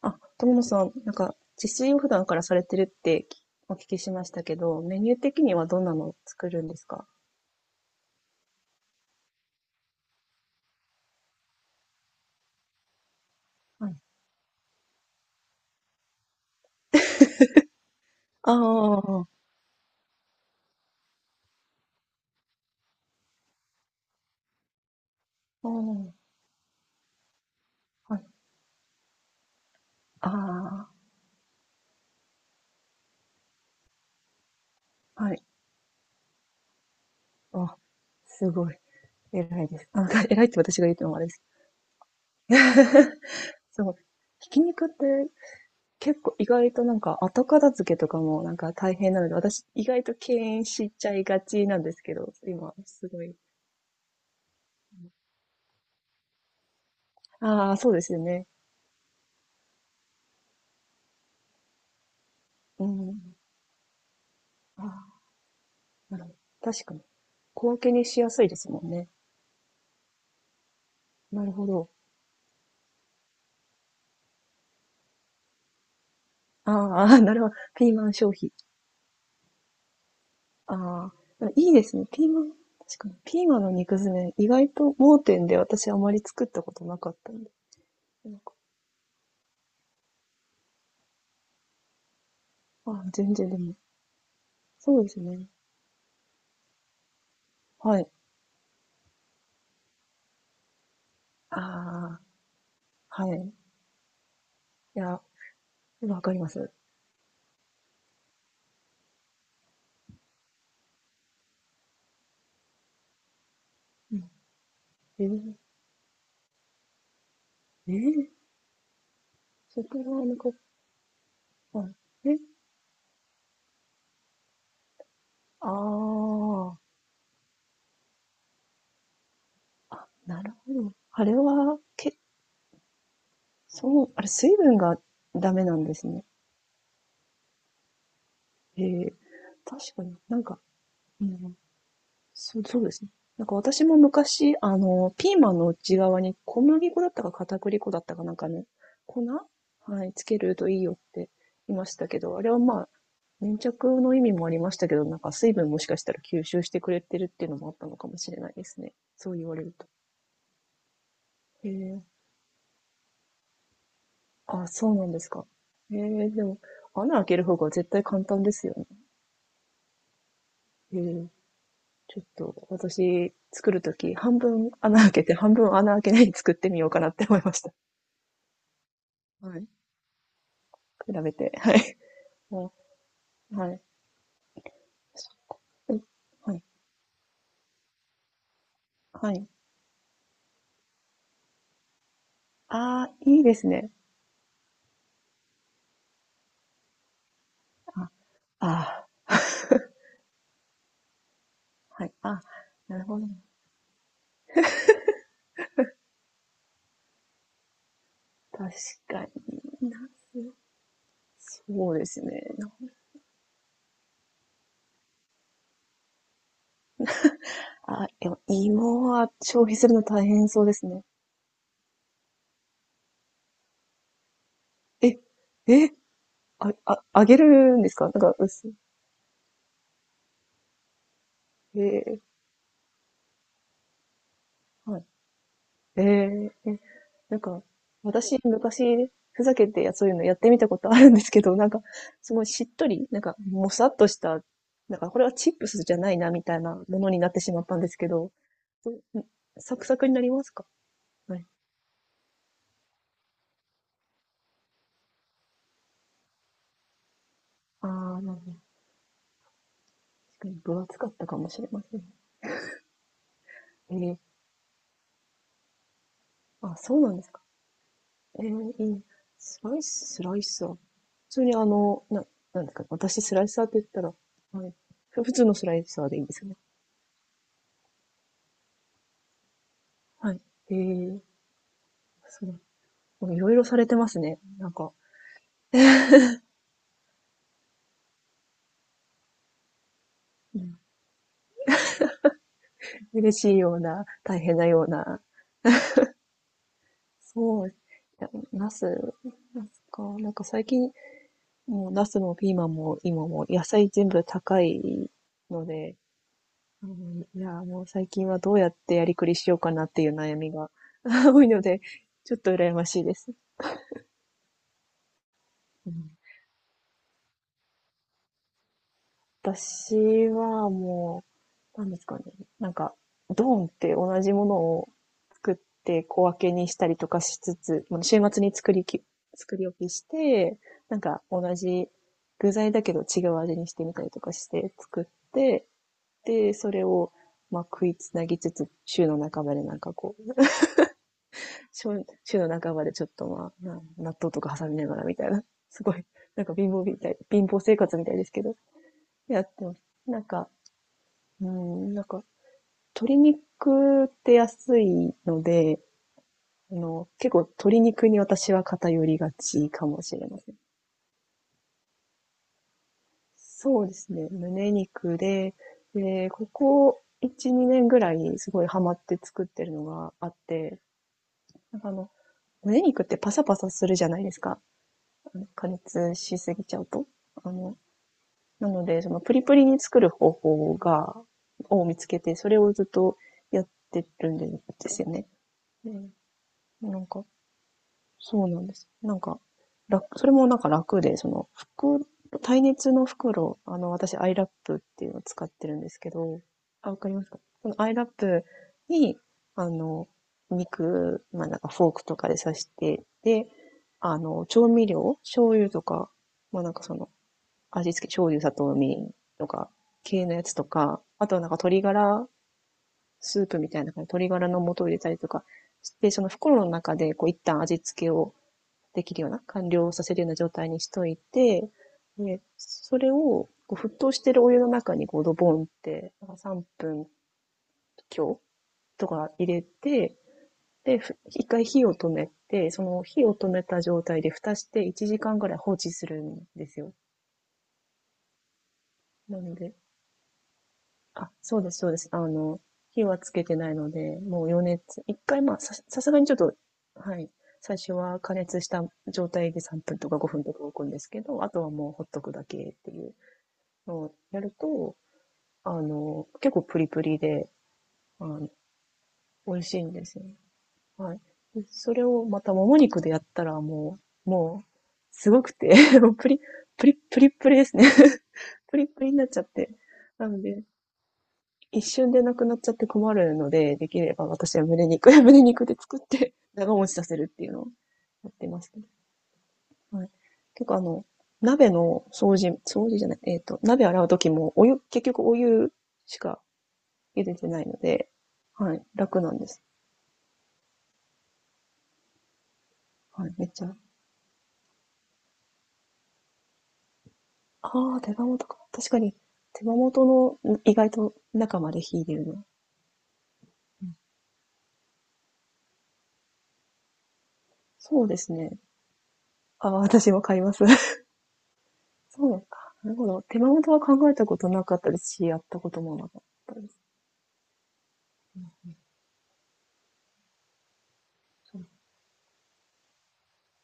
あ、友野さん、自炊を普段からされてるってお聞きしましたけど、メニュー的にはどんなのを作るんですか？はい。ああ、ああ、はい。ああ、はい。あ、すごい。偉いです。あ、なんか偉いって私が言ってもあれです。すごい。ひき肉って結構意外となんか後片付けとかもなんか大変なので、私意外と敬遠しちゃいがちなんですけど、今、すごい。ああ、そうですよね。うん。なるほど確かに。小分けにしやすいですもんね。なるほど。ああ、ああ、なるほど。ピーマン消費。ああ、いいですね。ピーマン、確かに。ピーマンの肉詰め、意外と盲点で私あまり作ったことなかったんで。なんか、ああ、全然でも。そうですね。はい。ああ、はい。いや、わかります。うん。えー、えー、外側のこ、あ、え、ああ、あ、なるほど。あれは、け、そう、あれ、水分がダメなんですね。へえ、確かになんか、うん、そう、そうですね。なんか私も昔、ピーマンの内側に小麦粉だったか片栗粉だったかなんかの粉はい、つけるといいよって言いましたけど、あれはまあ、粘着の意味もありましたけど、なんか水分もしかしたら吸収してくれてるっていうのもあったのかもしれないですね。そう言われると。へえ、あ、そうなんですか。へえ、でも、穴開ける方が絶対簡単ですよね。へえ。ちょっと私作るとき、半分穴開けて、半分穴開けないで作ってみようかなって思いました。はい。比べて。はい。はい。はい、はい。はい。ああ、いいですね。あ、あーはい。あ、なるほど。確かにな。そうですね。あ、でも芋は消費するの大変そうですね。え、え、あ、あ、あげるんですかなんか薄い。えーはい。ええ、え、なんか、私、昔、ふざけてやそういうのやってみたことあるんですけど、なんか、すごいしっとり、なんか、もさっとした、なんか、これはチップスじゃないな、みたいなものになってしまったんですけど、どんサクサクになりますか？はい。ああ、なるほど。確かに分厚かったかもしれません。ええ、あ、そうなんですか。ええ、いいね。スライス、スライサー。普通にあの、な、なんですか、私スライサーって言ったら、はい。ふ普通のスライサーでいいんですよね。はい。ええ、そいろいろされてますね。うん、嬉しいような、大変なような。そう。いや、ナス、なんか。なんか最近、もうナスもピーマンも今も野菜全部高いので、うん、いや、もう最近はどうやってやりくりしようかなっていう悩みが 多いので、ちょっと羨ましいです。うん、私はもう、なんですかね。なんか、ドーンって同じものを作って小分けにしたりとかしつつ、まあ週末に作りき、作り置きして、なんか同じ具材だけど違う味にしてみたりとかして作って、で、それをまあ食いつなぎつつ、週の半ばでなんかこう、週週の半ばでちょっとまあ、な納豆とか挟みながらみたいな、すごい、なんか貧乏みたい、貧乏生活みたいですけど、やってます。なんか、うん、なんか鶏肉って安いので、あの、結構鶏肉に私は偏りがちかもしれません。そうですね。胸肉で、で、ここ1、2年ぐらいすごいハマって作ってるのがあって、なんかあの、胸肉ってパサパサするじゃないですか。あの加熱しすぎちゃうと。あの、なので、そのプリプリに作る方法が、を見つけて、それをずっとやってるんですよね。でなんか、そうなんです。なんか、楽、それもなんか楽で、その、袋、耐熱の袋、あの、私、アイラップっていうのを使ってるんですけど、あ、わかりますかそのアイラップに、あの、肉、まあ、なんかフォークとかで刺して、で、あの、調味料、醤油とか、まあ、なんかその、味付け、醤油、砂糖、みりんとか、系のやつとか、あとはなんか鶏ガラスープみたいな感じで、鶏ガラの素を入れたりとかして、その袋の中で、こう、一旦味付けをできるような、完了させるような状態にしといて、で、それを、こう沸騰してるお湯の中にこうドボンって、なん3分強とか入れて、で、ふ一回火を止めて、その火を止めた状態で蓋して1時間ぐらい放置するんですよ。なので、あ、そうです、そうです。あの、火はつけてないので、もう余熱、一回まあ、さ、さすがにちょっと、はい、最初は加熱した状態で3分とか5分とか置くんですけど、あとはもうほっとくだけっていうそう、やると、あの、結構プリプリで、あの、美味しいんですよ。はい。でそれをまたもも肉でやったらもう、もう、すごくて、もうプリ、プリ、プリプリですね。プリプリになっちゃって。なので、一瞬でなくなっちゃって困るので、できれば私は胸肉、胸肉で作って長持ちさせるっていうのをやってますね。はい。結構あの、鍋の掃除、掃除じゃない、えっと、鍋洗う時も、お湯、結局お湯しか茹でてないので、はい、楽なんです。はい、めっちゃ。ああ、手羽元か。確かに、手羽元の意外と中まで火入れるの。そうですね。ああ、私も買います。そうなか。なるほど。手羽元は考えたことなかったですし、やったこともなかったです。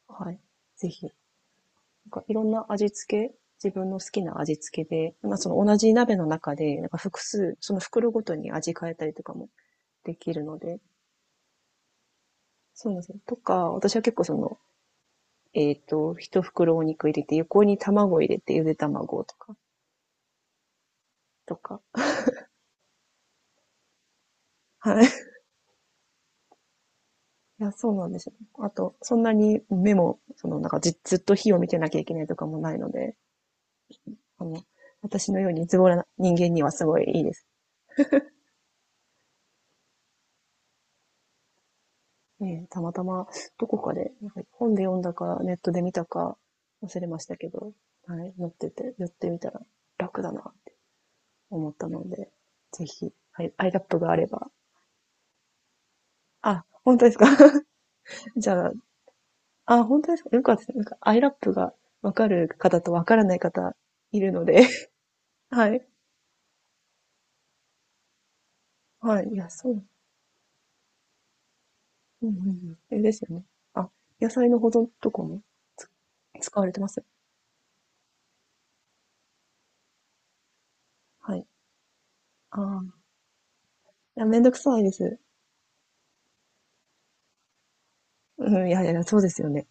はい。ぜひ。なんかいろんな味付け、自分の好きな味付けで、まあその同じ鍋の中で、なんか複数、その袋ごとに味変えたりとかもできるので、そうなんですよ。とか、私は結構その、えっと、一袋お肉入れて、横に卵入れて、ゆで卵とか、とか。はい。いや、そうなんですよ。あと、そんなに目も、その、なんかずっと火を見てなきゃいけないとかもないので、あの、私のようにズボラな人間にはすごいいいです。ねたまたま、どこかで、なんか本で読んだか、ネットで見たか、忘れましたけど、はい、乗ってて、寄ってみたら楽だなって思ったので、ぜひ、はい、アイラップがあれば。あ、本当ですか？ じゃあ、あ、本当ですか。よかったです。なんか、アイラップがわかる方とわからない方いるので。はい。はい。いや、そう。うんうんうん。あれですよね。あ、野菜の保存とかもつ使われてます。はい。ああ。いや、めんどくさいです。うん、いやいや、そうですよね。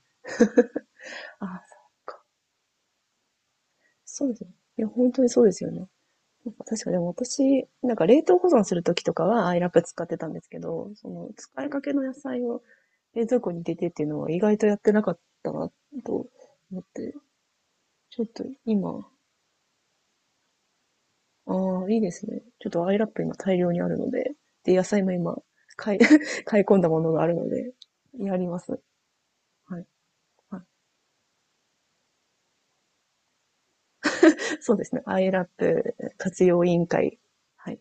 あ、そっか。そうですね。いや、本当にそうですよね。なんか確かでも私、なんか冷凍保存するときとかはアイラップ使ってたんですけど、その使いかけの野菜を冷蔵庫に入れてっていうのは意外とやってなかったなと思って。ちょっと今、ああ、いいですね。ちょっとアイラップ今大量にあるので、で、野菜も今、買い、買い込んだものがあるので、やります。はい。はい、そうですね。アイラップ活用委員会。はい。